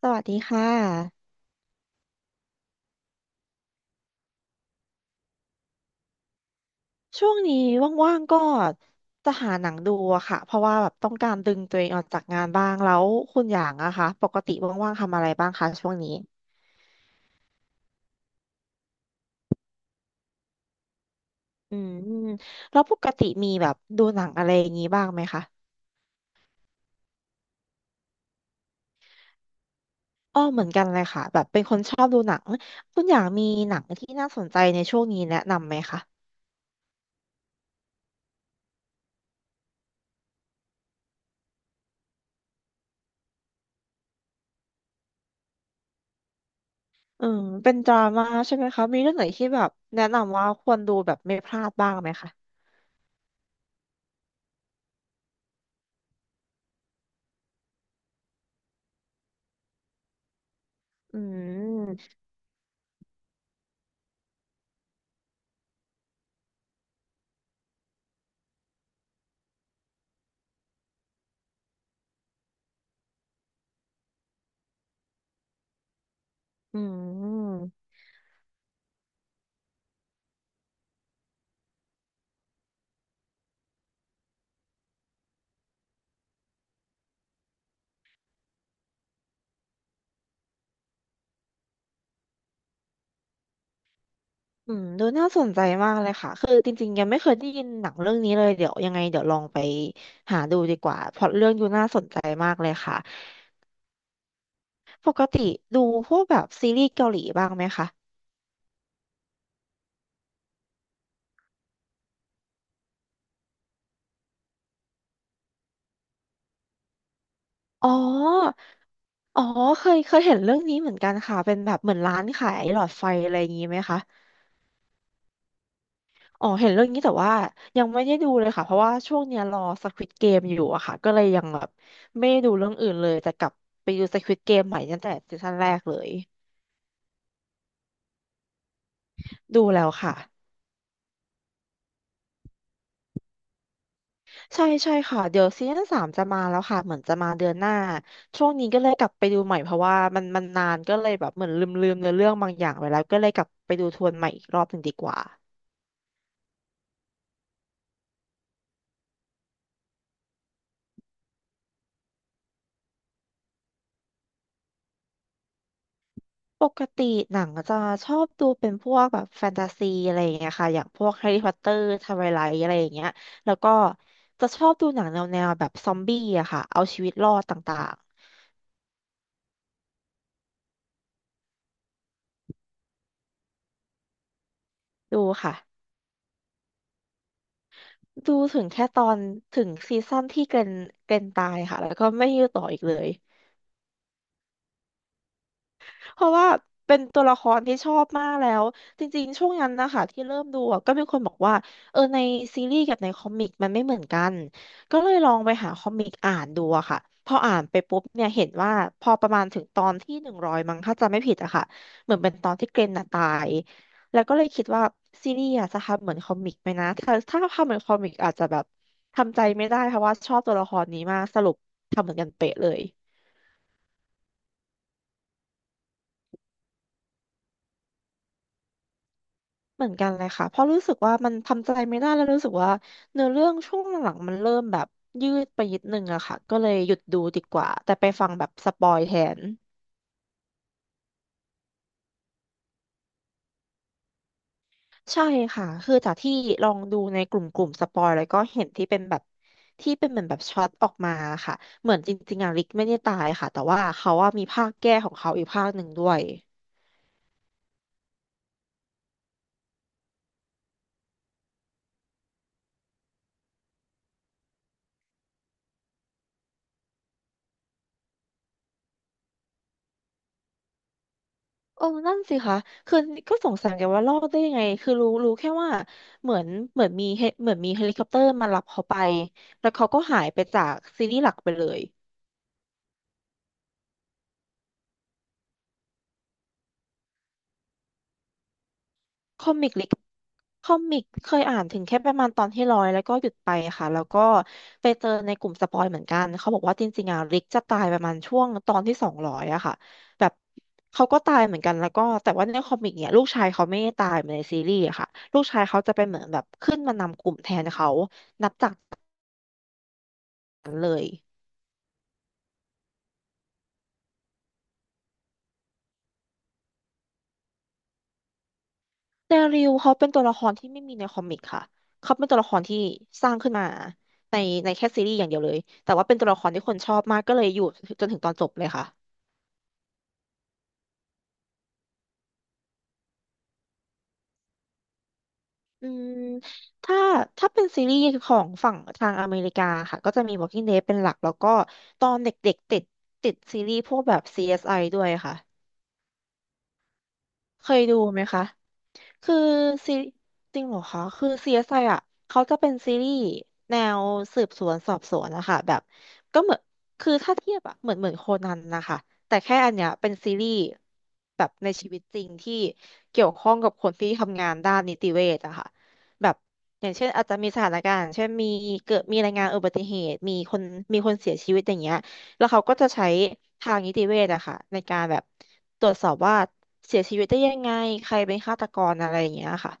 สวัสดีค่ะช่วงนี้ว่างๆก็จะหาหนังดูอะค่ะเพราะว่าแบบต้องการดึงตัวเองออกจากงานบ้างแล้วคุณอย่างอะคะปกติว่างๆทำอะไรบ้างคะช่วงนี้อืมแล้วปกติมีแบบดูหนังอะไรอย่างนี้บ้างไหมคะอ้อเหมือนกันเลยค่ะแบบเป็นคนชอบดูหนังคุณอย่างมีหนังที่น่าสนใจในช่วงนี้แนะนำไหมคะอืมเป็นดราม่าใช่ไหมคะมีเรื่องไหนที่แบบแนะนำว่าควรดูแบบไม่พลาดบ้างไหมคะอืมอืม อืมดูน่าสนใจมากเลยค่ะคือจริงๆยังไม่เคยได้ยินหนังเรื่องนี้เลยเดี๋ยวยังไงเดี๋ยวลองไปหาดูดีกว่าเพราะเรื่องดูน่าสนใจมากเลยค่ะปกติดูพวกแบบซีรีส์เกาหลีบ้างไหมคะอ๋ออ๋อเคยเห็นเรื่องนี้เหมือนกันค่ะเป็นแบบเหมือนร้านขายหลอดไฟอะไรอย่างนี้ไหมคะอ๋อเห็นเรื่องนี้แต่ว่ายังไม่ได้ดูเลยค่ะเพราะว่าช่วงเนี้ยรอ Squid Game อยู่อะค่ะก็เลยยังแบบไม่ได้ดูเรื่องอื่นเลยแต่กลับไปดู Squid Game ใหม่ตั้งแต่ซีซั่นแรกเลยดูแล้วค่ะ ใช่ค่ะเดี๋ยวซีซั่นสามจะมาแล้วค่ะเหมือนจะมาเดือนหน้าช่วงนี้ก็เลยกลับไปดูใหม่เพราะว่ามันนานก็เลยแบบเหมือนลืมเนื้อเรื่องบางอย่างไปแล้วก็เลยกลับไปดูทวนใหม่อีกรอบหนึ่งดีกว่าปกติหนังจะชอบดูเป็นพวกแบบแฟนตาซีอะไรอย่างเงี้ยค่ะอย่างพวกแฮร์รี่พอตเตอร์ทไวไลท์อะไรอย่างเงี้ยแล้วก็จะชอบดูหนังแนวแบบซอมบี้อะค่ะเอาชีวิตรอดต่างๆดูค่ะดูถึงแค่ตอนถึงซีซั่นที่เกรนตายค่ะแล้วก็ไม่ยืดต่ออีกเลย เพราะว่าเป็นตัวละครที่ชอบมากแล้วจริงๆ ช่วงนั้นนะคะที่เริ่มดูอะก็มีคนบอกว่าเออในซีรีส์กับในคอมิกมันไม่เหมือนกันก็เลยลองไปหาคอมิกอ่านดูอะค่ะพออ่านไปปุ๊บเนี่ยเห็นว่าพอประมาณถึงตอนที่หนึ่งร้อยมั้งถ้าจำไม่ผิดอะค่ะเหมือนเป็นตอนที่เกรนน่ะตายแล้วก็เลยคิดว่าซีรีส์อะจะทำเหมือนคอมิกไหมนะถ้าทำเหมือนคอมิกอาจจะแบบทำใจไม่ได้เพราะว่าชอบตัวละครนี้มากสรุปทำเหมือนกันเป๊ะเลย เหมือนกันเลยค่ะเพราะรู้สึกว่ามันทำใจไม่ได้แล้วรู้สึกว่าเนื้อเรื่องช่วงหลังๆมันเริ่มแบบยืดไปนิดนึงอะค่ะก็เลยหยุดดูดีกว่าแต่ไปฟังแบบสปอยแทนใช่ค่ะคือจากที่ลองดูในกลุ่มสปอยแล้วก็เห็นที่เป็นแบบที่เป็นเหมือนแบบช็อตออกมาค่ะเหมือนจริงๆอะลิกไม่ได้ตายค่ะแต่ว่าเขาว่ามีภาคแก้ของเขาอีกภาคหนึ่งด้วย เออนั่นสิคะคือก็สงสัยกันว่ารอดได้ยังไงคือรู้แค่ว่าเหมือนเหมือนมีเฮเหมือนมีเฮลิคอปเตอร์มารับเขาไปแล้วเขาก็หายไปจากซีรีส์หลักไปเลย คอมิกลิกคอมิกเคยอ่านถึงแค่ประมาณตอนที่ร้อยแล้วก็หยุดไปค่ะแล้วก็ไปเจอในกลุ่มสปอยเหมือนกันเขาบอกว่าจริงๆอ่ะลิกจะตายประมาณช่วงตอนที่สองร้อยอะค่ะแบบเขาก็ตายเหมือนกันแล้วก็แต่ว่าในคอมิกเนี่ยลูกชายเขาไม่ได้ตายเหมือนในซีรีส์อะค่ะลูกชายเขาจะเป็นเหมือนแบบขึ้นมานำกลุ่มแทนเขานับจากนั้นเลย เดริลเขาเป็นตัวละครที่ไม่มีในคอมิกค่ะ เขาเป็นตัวละครที่สร้างขึ้นมาในในแค่ซีรีส์อย่างเดียวเลย แต่ว่าเป็นตัวละครที่คนชอบมากก็เลยอยู่จนถึงตอนจบเลยค่ะอืมถ้าถ้าเป็นซีรีส์ของฝั่งทางอเมริกาค่ะ ก็จะมี Walking Dead เป็นหลักแล้วก็ตอนเด็กๆติดซีรีส์พวกแบบ CSI ด้วยค่ะ เคยดูไหมคะ คือซีจริงเหรอคะคือ CSI อสไออ่ะเขาจะเป็นซีรีส์แนวสืบสวนสอบสวนนะคะแบบก็เหมือนคือถ้าเทียบอะเหมือนเหมือนโคนันนะคะ แต่แค่อันเนี้ยเป็นซีรีส์แบบในชีวิตจริงที่เกี่ยวข้องกับคนที่ทำงานด้านนิติเวชอะค่ะแบบอย่างเช่นอาจจะมีสถานการณ์เช่นมีเกิดมีรายงานอุบัติเหตุมีคนมีคนเสียชีวิตอย่างเงี้ย แล้วเขาก็จะใช้ทางนิติเวชอะค่ะในการแบบตรวจสอบว่าเสียชีวิตได้ยังไงใครเป็นฆาตกรอะไรอย่างเงี้ยค่ะ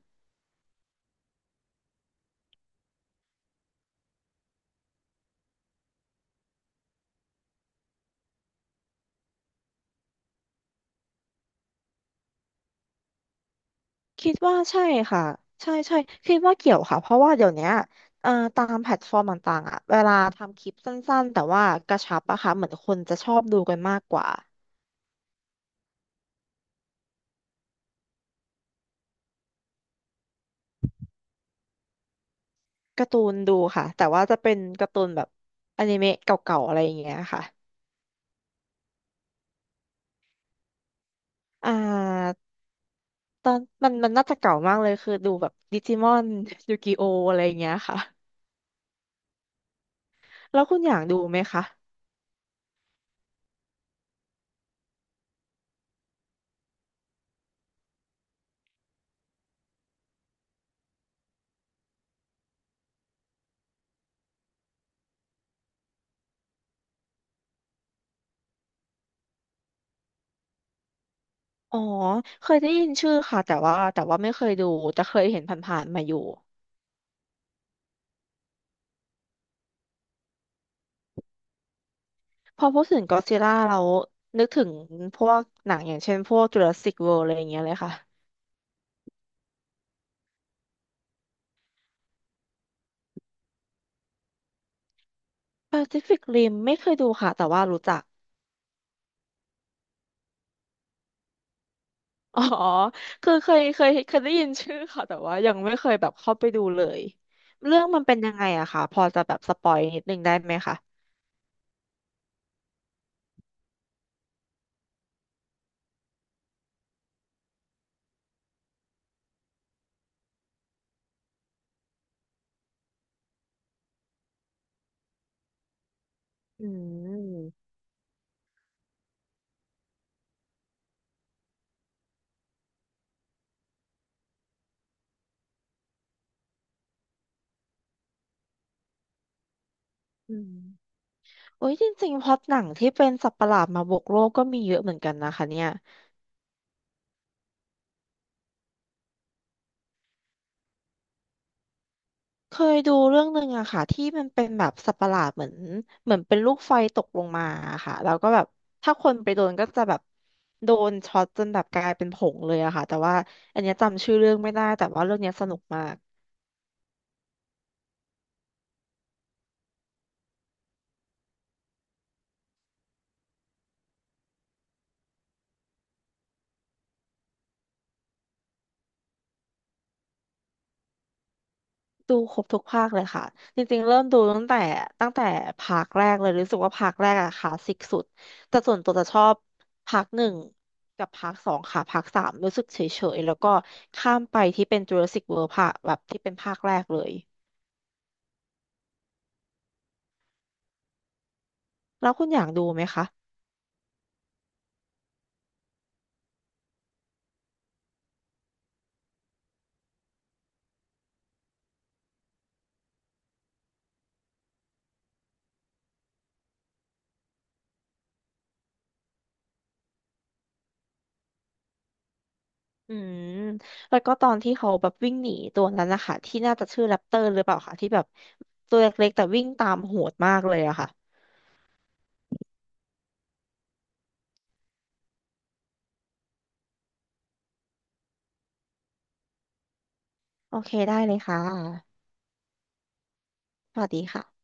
คิดว่าใช่ค่ะใช่ใช่คิดว่าเกี่ยวค่ะเพราะว่าเดี๋ยวเนี้ยตามแพลตฟอร์มต่างๆอะเวลาทำคลิปสั้นๆแต่ว่ากระชับอะค่ะเหมือนคนจะชอบดูกันมากกว่าการ์ตูนดูค่ะแต่ว่าจะเป็นการ์ตูนแบบอนิเมะเก่าๆอะไรอย่างเงี้ยค่ะอ่าตอนมันน่าจะเก่ามากเลยคือดูแบบดิจิมอนยูกิโออะไรอย่างเงี้ยค่ะ แล้วคุณอยากดูไหมคะ อ๋อ เคยได้ยินชื่อค่ะแต่ว่าไม่เคยดูแต่เคยเห็นผ่านๆมาอยู่พอพูดถึงก็อดซิลล่าเรานึกถึงพวกหนังอย่างเช่นพวกจูราสสิกเวิลด์อะไรอย่างเงี้ยเลยค่ะ Pacific Rim ไม่เคยดูค่ะแต่ว่ารู้จัก อ๋อคือเคยได้ยินชื่อค่ะแต่ว่ายังไม่เคยแบบเข้าไปดูเลยเรื่องมันเป็นยังไงอะค่ะพอจะแบบสปอยนิดนึงได้ไหมคะอืมอืมโอ้ยจริงๆพล็อตหนังที่เป็นสัตว์ประหลาดมาบุกโลกก็มีเยอะเหมือนกันนะคะเนี่ย เคยดูเรื่องหนึ่งอะค่ะที่มันเป็นแบบสัตว์ประหลาดเหมือนเหมือนเป็นลูกไฟตกลงมาอะค่ะแล้วก็แบบถ้าคนไปโดนก็จะแบบโดนช็อตจนแบบกลายเป็นผงเลยอะค่ะแต่ว่าอันเนี้ยจำชื่อเรื่องไม่ได้แต่ว่าเรื่องเนี้ยสนุกมากดูครบทุกภาคเลยค่ะจริงๆเริ่มดูตั้งแต่ภาคแรกเลยรู้สึกว่าภาคแรกอะค่ะสสิกสุดแต่ส่วนตัวจะชอบภาคหนึ่งกับภาคสองค่ะภาคสามรู้สึกเฉยๆแล้วก็ข้ามไปที่เป็น Jurassic World ภาคแบบที่เป็นภาคแรกเลย แล้วคุณอยากดูไหมคะ อืม แล้วก็ตอนที่เขาแบบวิ่งหนีตัวนั้นนะคะที่น่าจะชื่อแรปเตอร์หรือเปล่าคะที่แบบตัวเล็กๆแต่วิ่งตามโหดมากเลยอะค่ะ โอเคได้เลยค่ะ สวัสดีค่ะ